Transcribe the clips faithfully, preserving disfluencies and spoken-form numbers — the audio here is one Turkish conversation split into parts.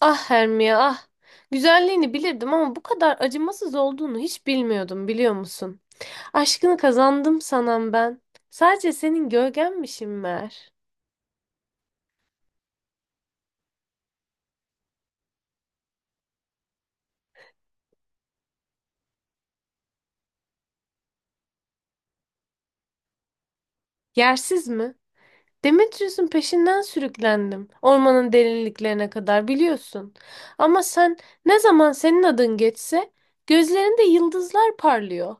Ah, Hermia, ah. Güzelliğini bilirdim ama bu kadar acımasız olduğunu hiç bilmiyordum, biliyor musun? Aşkını kazandım sanan ben. Sadece senin gölgenmişim meğer. Yersiz mi? Demetrius'un peşinden sürüklendim. Ormanın derinliklerine kadar biliyorsun. Ama sen, ne zaman senin adın geçse gözlerinde yıldızlar parlıyor.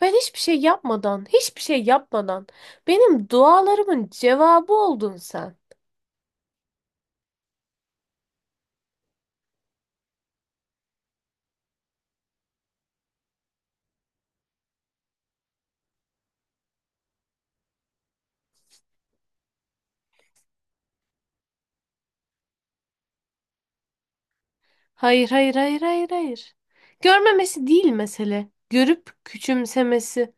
Ben hiçbir şey yapmadan, hiçbir şey yapmadan benim dualarımın cevabı oldun sen. Hayır, hayır, hayır, hayır, hayır. Görmemesi değil mesele. Görüp küçümsemesi.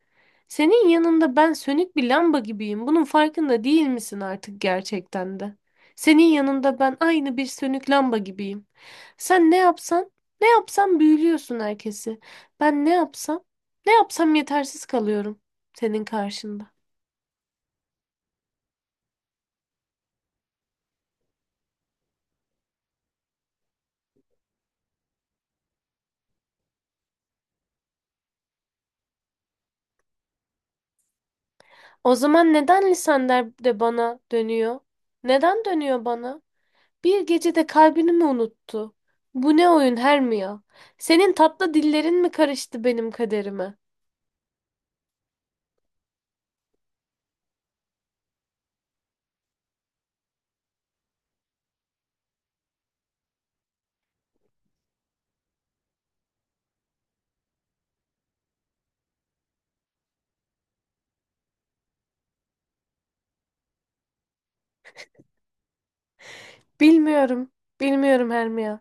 Senin yanında ben sönük bir lamba gibiyim. Bunun farkında değil misin artık gerçekten de? Senin yanında ben aynı bir sönük lamba gibiyim. Sen ne yapsan, ne yapsan büyülüyorsun herkesi. Ben ne yapsam, ne yapsam yetersiz kalıyorum senin karşında. O zaman neden lisanlar de bana dönüyor? Neden dönüyor bana? Bir gecede kalbini mi unuttu? Bu ne oyun Hermia? Senin tatlı dillerin mi karıştı benim kaderime? Bilmiyorum. Bilmiyorum Hermia.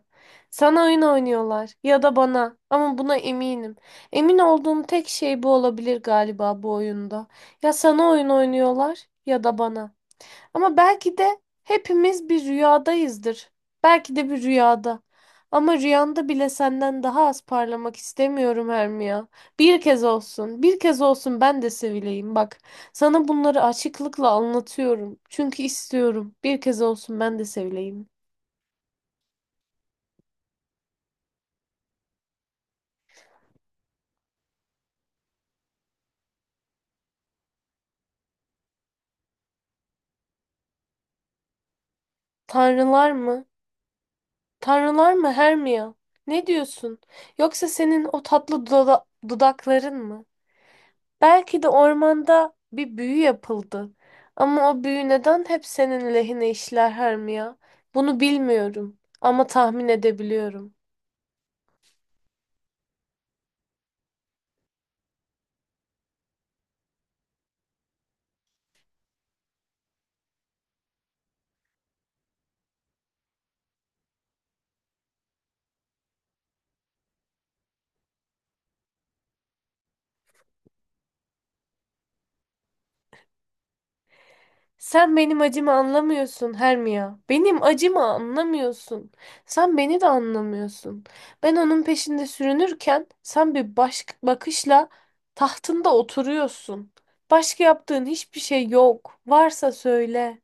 Sana oyun oynuyorlar ya da bana, ama buna eminim. Emin olduğum tek şey bu olabilir galiba bu oyunda. Ya sana oyun oynuyorlar ya da bana. Ama belki de hepimiz bir rüyadayızdır. Belki de bir rüyada. Ama rüyanda bile senden daha az parlamak istemiyorum Hermia, ya. Bir kez olsun, bir kez olsun ben de sevileyim. Bak, sana bunları açıklıkla anlatıyorum. Çünkü istiyorum. Bir kez olsun ben de sevileyim. Tanrılar mı? Tanrılar mı Hermia? Ne diyorsun? Yoksa senin o tatlı duda- dudakların mı? Belki de ormanda bir büyü yapıldı. Ama o büyü neden hep senin lehine işler Hermia? Bunu bilmiyorum ama tahmin edebiliyorum. Sen benim acımı anlamıyorsun Hermia. Benim acımı anlamıyorsun. Sen beni de anlamıyorsun. Ben onun peşinde sürünürken sen bir baş bakışla tahtında oturuyorsun. Başka yaptığın hiçbir şey yok. Varsa söyle.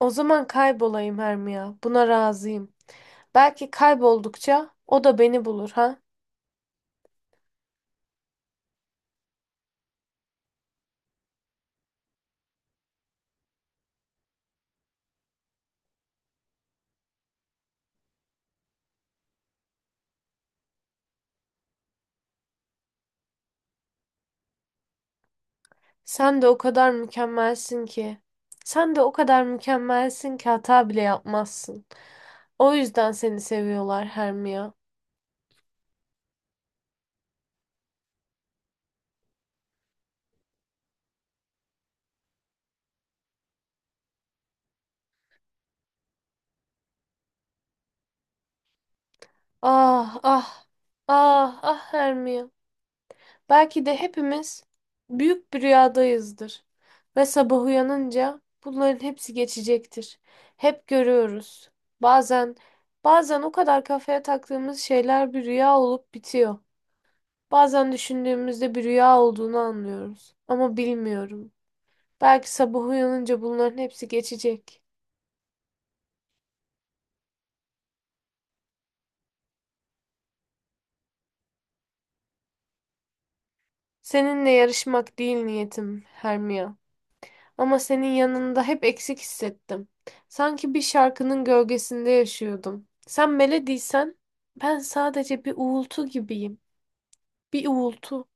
O zaman kaybolayım Hermia. Buna razıyım. Belki kayboldukça o da beni bulur, ha? Sen de o kadar mükemmelsin ki. Sen de o kadar mükemmelsin ki hata bile yapmazsın. O yüzden seni seviyorlar Hermia. Ah, ah. Ah, ah Hermia. Belki de hepimiz büyük bir rüyadayızdır ve sabah uyanınca bunların hepsi geçecektir. Hep görüyoruz. Bazen bazen o kadar kafaya taktığımız şeyler bir rüya olup bitiyor. Bazen düşündüğümüzde bir rüya olduğunu anlıyoruz. Ama bilmiyorum. Belki sabah uyanınca bunların hepsi geçecek. Seninle yarışmak değil niyetim, Hermia. Ama senin yanında hep eksik hissettim. Sanki bir şarkının gölgesinde yaşıyordum. Sen melodiysen ben sadece bir uğultu gibiyim. Bir uğultu.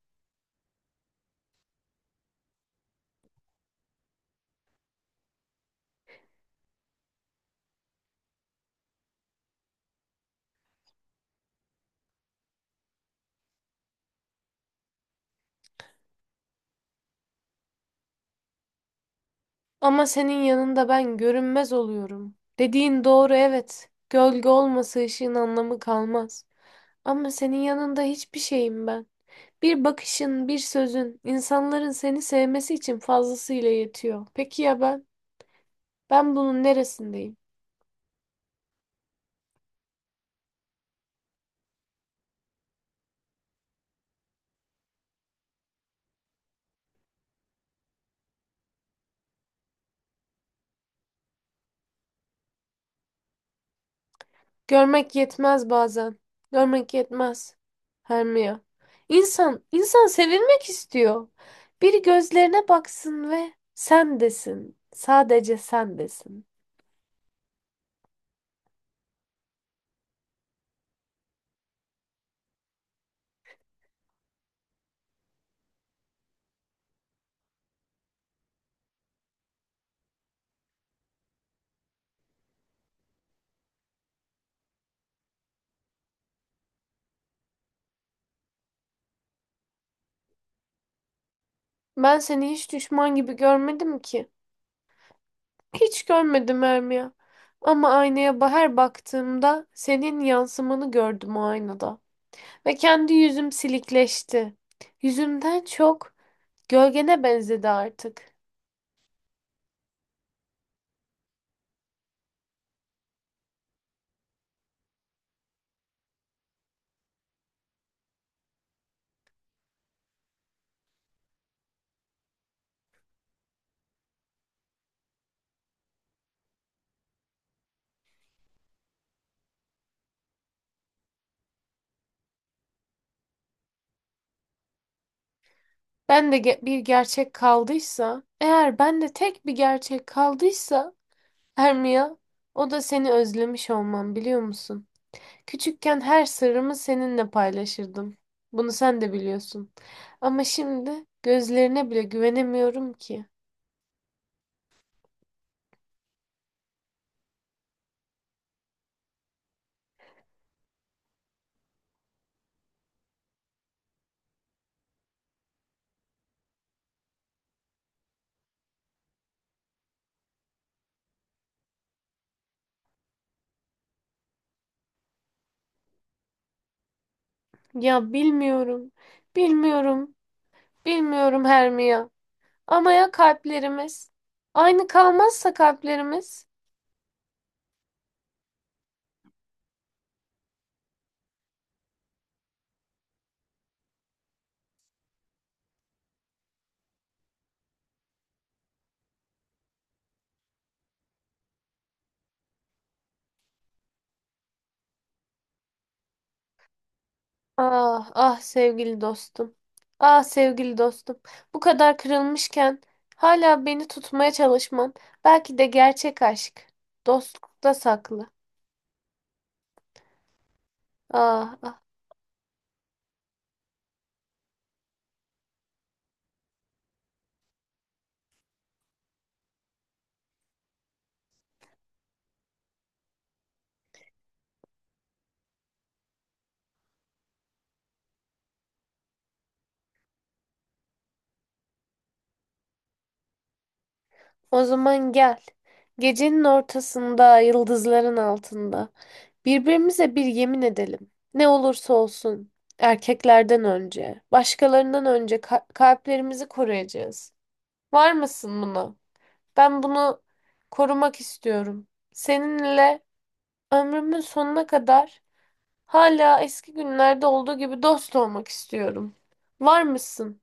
Ama senin yanında ben görünmez oluyorum. Dediğin doğru, evet. Gölge olmasa ışığın anlamı kalmaz. Ama senin yanında hiçbir şeyim ben. Bir bakışın, bir sözün, insanların seni sevmesi için fazlasıyla yetiyor. Peki ya ben? Ben bunun neresindeyim? Görmek yetmez bazen. Görmek yetmez. Hermia. İnsan, insan sevilmek istiyor. Biri gözlerine baksın ve sen desin. Sadece sen desin. Ben seni hiç düşman gibi görmedim ki. Hiç görmedim Hermia. Ama aynaya ba- her baktığımda senin yansımanı gördüm o aynada. Ve kendi yüzüm silikleşti. Yüzümden çok gölgene benzedi artık. Ben de ge- bir gerçek kaldıysa, eğer ben de tek bir gerçek kaldıysa Hermia, o da seni özlemiş olmam, biliyor musun? Küçükken her sırrımı seninle paylaşırdım. Bunu sen de biliyorsun. Ama şimdi gözlerine bile güvenemiyorum ki. Ya bilmiyorum, bilmiyorum, bilmiyorum Hermia. Ama ya kalplerimiz? Aynı kalmazsa kalplerimiz? Ah, ah sevgili dostum. Ah sevgili dostum. Bu kadar kırılmışken hala beni tutmaya çalışman belki de gerçek aşk. Dostlukta saklı. Ah, ah. O zaman gel. Gecenin ortasında, yıldızların altında. Birbirimize bir yemin edelim. Ne olursa olsun. Erkeklerden önce, başkalarından önce ka- kalplerimizi koruyacağız. Var mısın buna? Ben bunu korumak istiyorum. Seninle ömrümün sonuna kadar hala eski günlerde olduğu gibi dost olmak istiyorum. Var mısın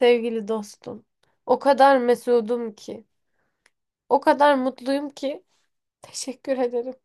sevgili dostum? O kadar mesudum ki, o kadar mutluyum ki. Teşekkür ederim.